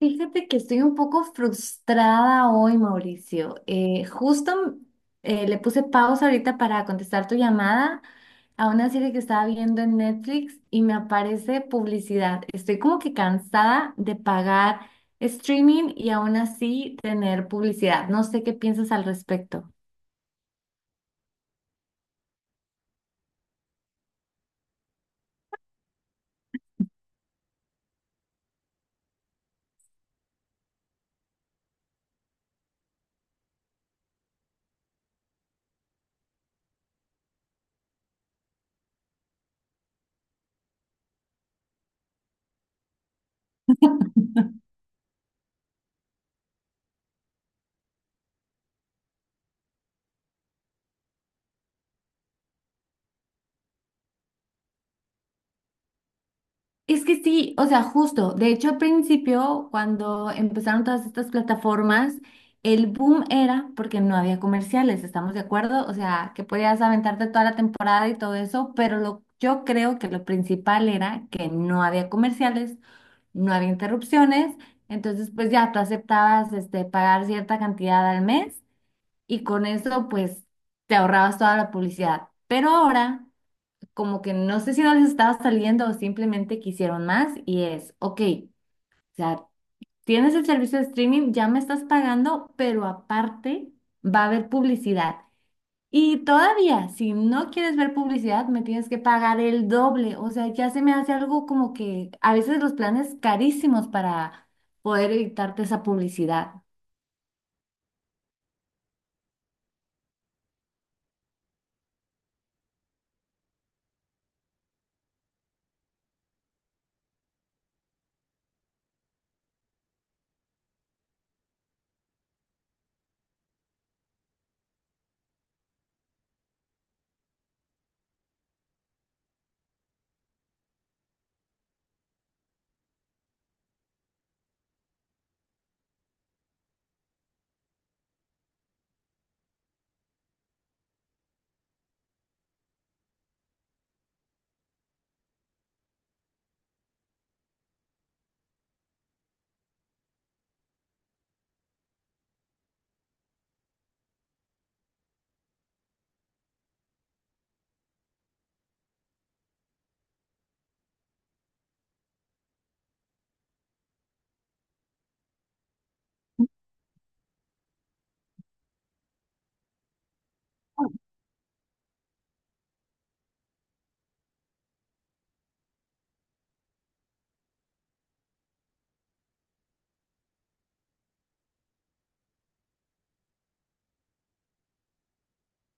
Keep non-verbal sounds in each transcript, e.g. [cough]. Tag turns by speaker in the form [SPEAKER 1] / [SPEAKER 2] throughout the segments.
[SPEAKER 1] Fíjate que estoy un poco frustrada hoy, Mauricio. Justo le puse pausa ahorita para contestar tu llamada a una serie que estaba viendo en Netflix y me aparece publicidad. Estoy como que cansada de pagar streaming y aún así tener publicidad. No sé qué piensas al respecto. Es que sí, o sea, justo. De hecho, al principio, cuando empezaron todas estas plataformas, el boom era porque no había comerciales, ¿estamos de acuerdo? O sea, que podías aventarte toda la temporada y todo eso, pero yo creo que lo principal era que no había comerciales, no había interrupciones, entonces pues ya tú aceptabas este, pagar cierta cantidad al mes y con eso pues te ahorrabas toda la publicidad. Pero ahora como que no sé si no les estaba saliendo o simplemente quisieron más y es, ok, o sea, tienes el servicio de streaming, ya me estás pagando, pero aparte va a haber publicidad. Y todavía, si no quieres ver publicidad, me tienes que pagar el doble. O sea, ya se me hace algo como que a veces los planes carísimos para poder evitarte esa publicidad.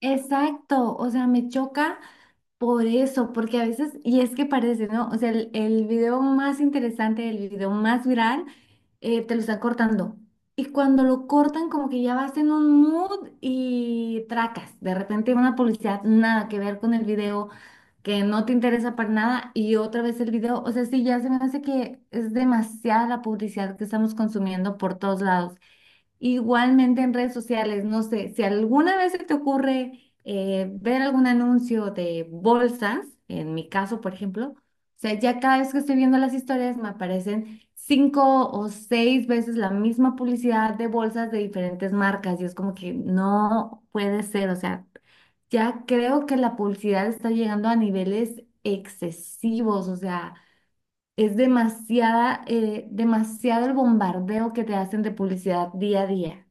[SPEAKER 1] Exacto, o sea, me choca. Por eso, porque a veces, y es que parece, ¿no? O sea, el video más interesante, el video más viral, te lo están cortando. Y cuando lo cortan, como que ya vas en un mood y tracas. De repente una publicidad nada que ver con el video, que no te interesa para nada, y otra vez el video. O sea, sí, ya se me hace que es demasiada la publicidad que estamos consumiendo por todos lados. Igualmente en redes sociales, no sé, si alguna vez se te ocurre ver algún anuncio de bolsas, en mi caso, por ejemplo, o sea, ya cada vez que estoy viendo las historias me aparecen cinco o seis veces la misma publicidad de bolsas de diferentes marcas y es como que no puede ser, o sea, ya creo que la publicidad está llegando a niveles excesivos, o sea... Es demasiada, demasiado el bombardeo que te hacen de publicidad día a día.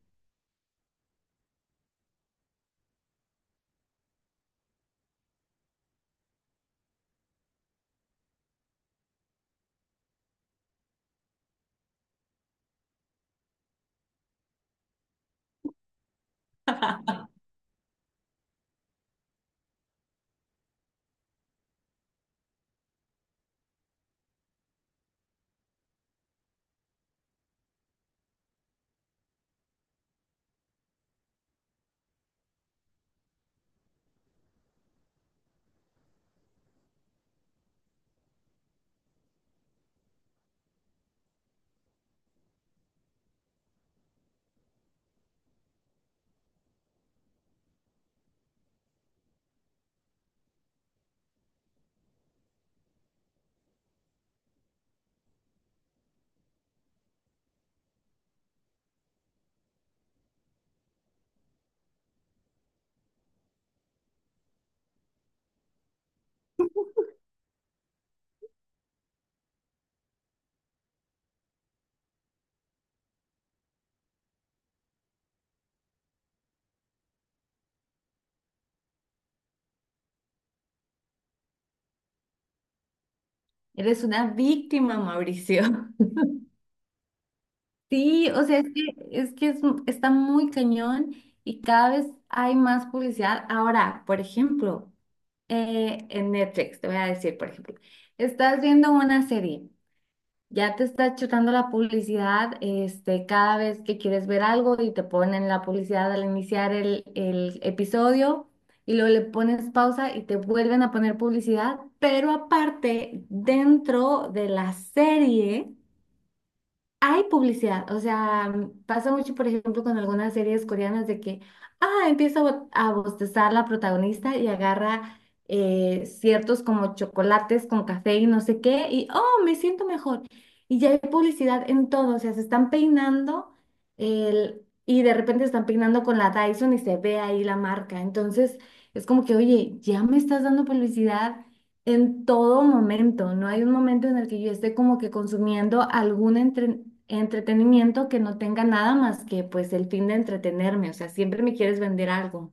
[SPEAKER 1] Eres una víctima, Mauricio. [laughs] Sí, o sea, es que es- está muy cañón y cada vez hay más publicidad. Ahora, por ejemplo, en Netflix, te voy a decir, por ejemplo, estás viendo una serie, ya te está chutando la publicidad, este, cada vez que quieres ver algo y te ponen la publicidad al iniciar el episodio y luego le pones pausa y te vuelven a poner publicidad, pero aparte, dentro de la serie. Hay publicidad, o sea, mm, pasa mucho, por ejemplo, con algunas series coreanas de que, ah, empieza a bostezar la protagonista y agarra ciertos como chocolates con café y no sé qué, y, oh, me siento mejor. Y ya hay publicidad en todo, o sea, se están peinando el, y de repente están peinando con la Dyson y se ve ahí la marca. Entonces, es como que, oye, ya me estás dando publicidad en todo momento. No hay un momento en el que yo esté como que consumiendo algún entretenimiento que no tenga nada más que pues el fin de entretenerme. O sea, siempre me quieres vender algo.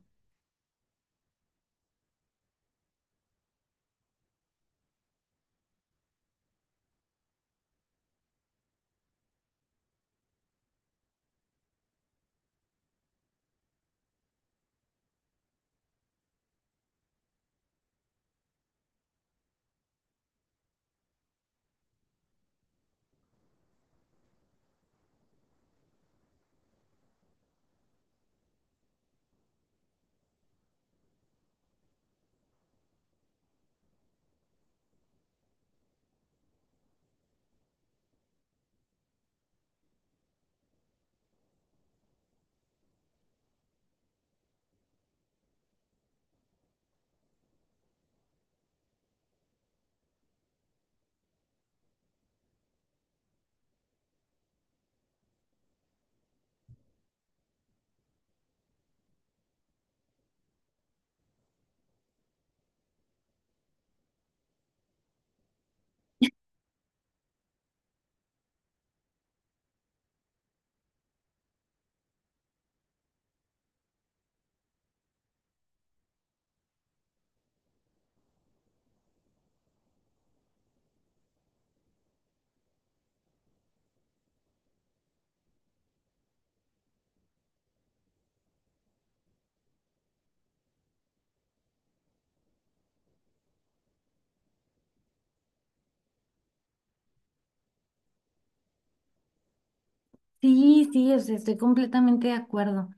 [SPEAKER 1] Sí, sí, o sea, estoy completamente de acuerdo.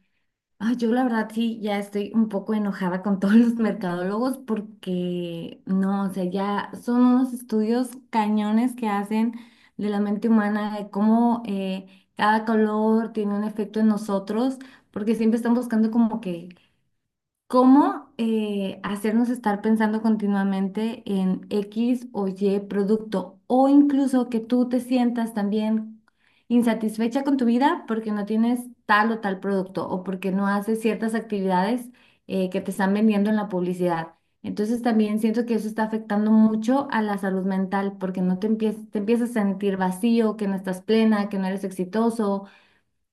[SPEAKER 1] Ah, yo la verdad sí, ya estoy un poco enojada con [laughs] todos los mercadólogos porque no, o sea, ya son unos estudios cañones que hacen de la mente humana, de cómo cada color tiene un efecto en nosotros porque siempre están buscando como que ¿cómo hacernos estar pensando continuamente en X o Y producto? O incluso que tú te sientas también insatisfecha con tu vida porque no tienes tal o tal producto o porque no haces ciertas actividades que te están vendiendo en la publicidad. Entonces también siento que eso está afectando mucho a la salud mental porque no te empiezas, te empiezas a sentir vacío, que no estás plena, que no eres exitoso,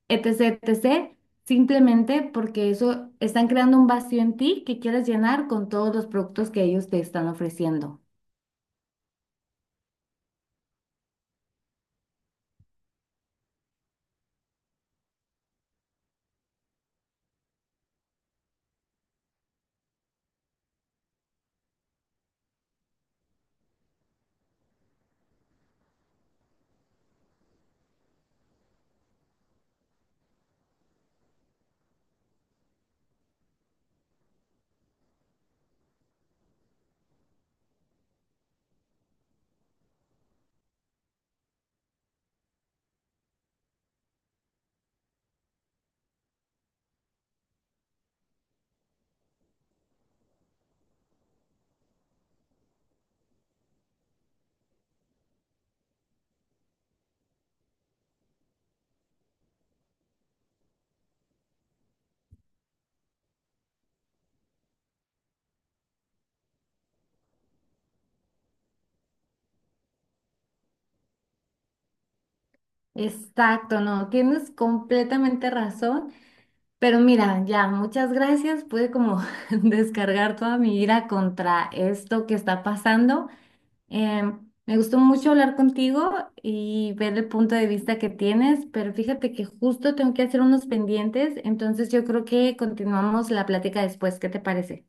[SPEAKER 1] etc., etc., simplemente porque eso están creando un vacío en ti que quieres llenar con todos los productos que ellos te están ofreciendo. Exacto, no, tienes completamente razón, pero mira, ya, muchas gracias, pude como [laughs] descargar toda mi ira contra esto que está pasando. Em, Me gustó mucho hablar contigo y ver el punto de vista que tienes, pero fíjate que justo tengo que hacer unos pendientes, entonces yo creo que continuamos la plática después, ¿qué te parece?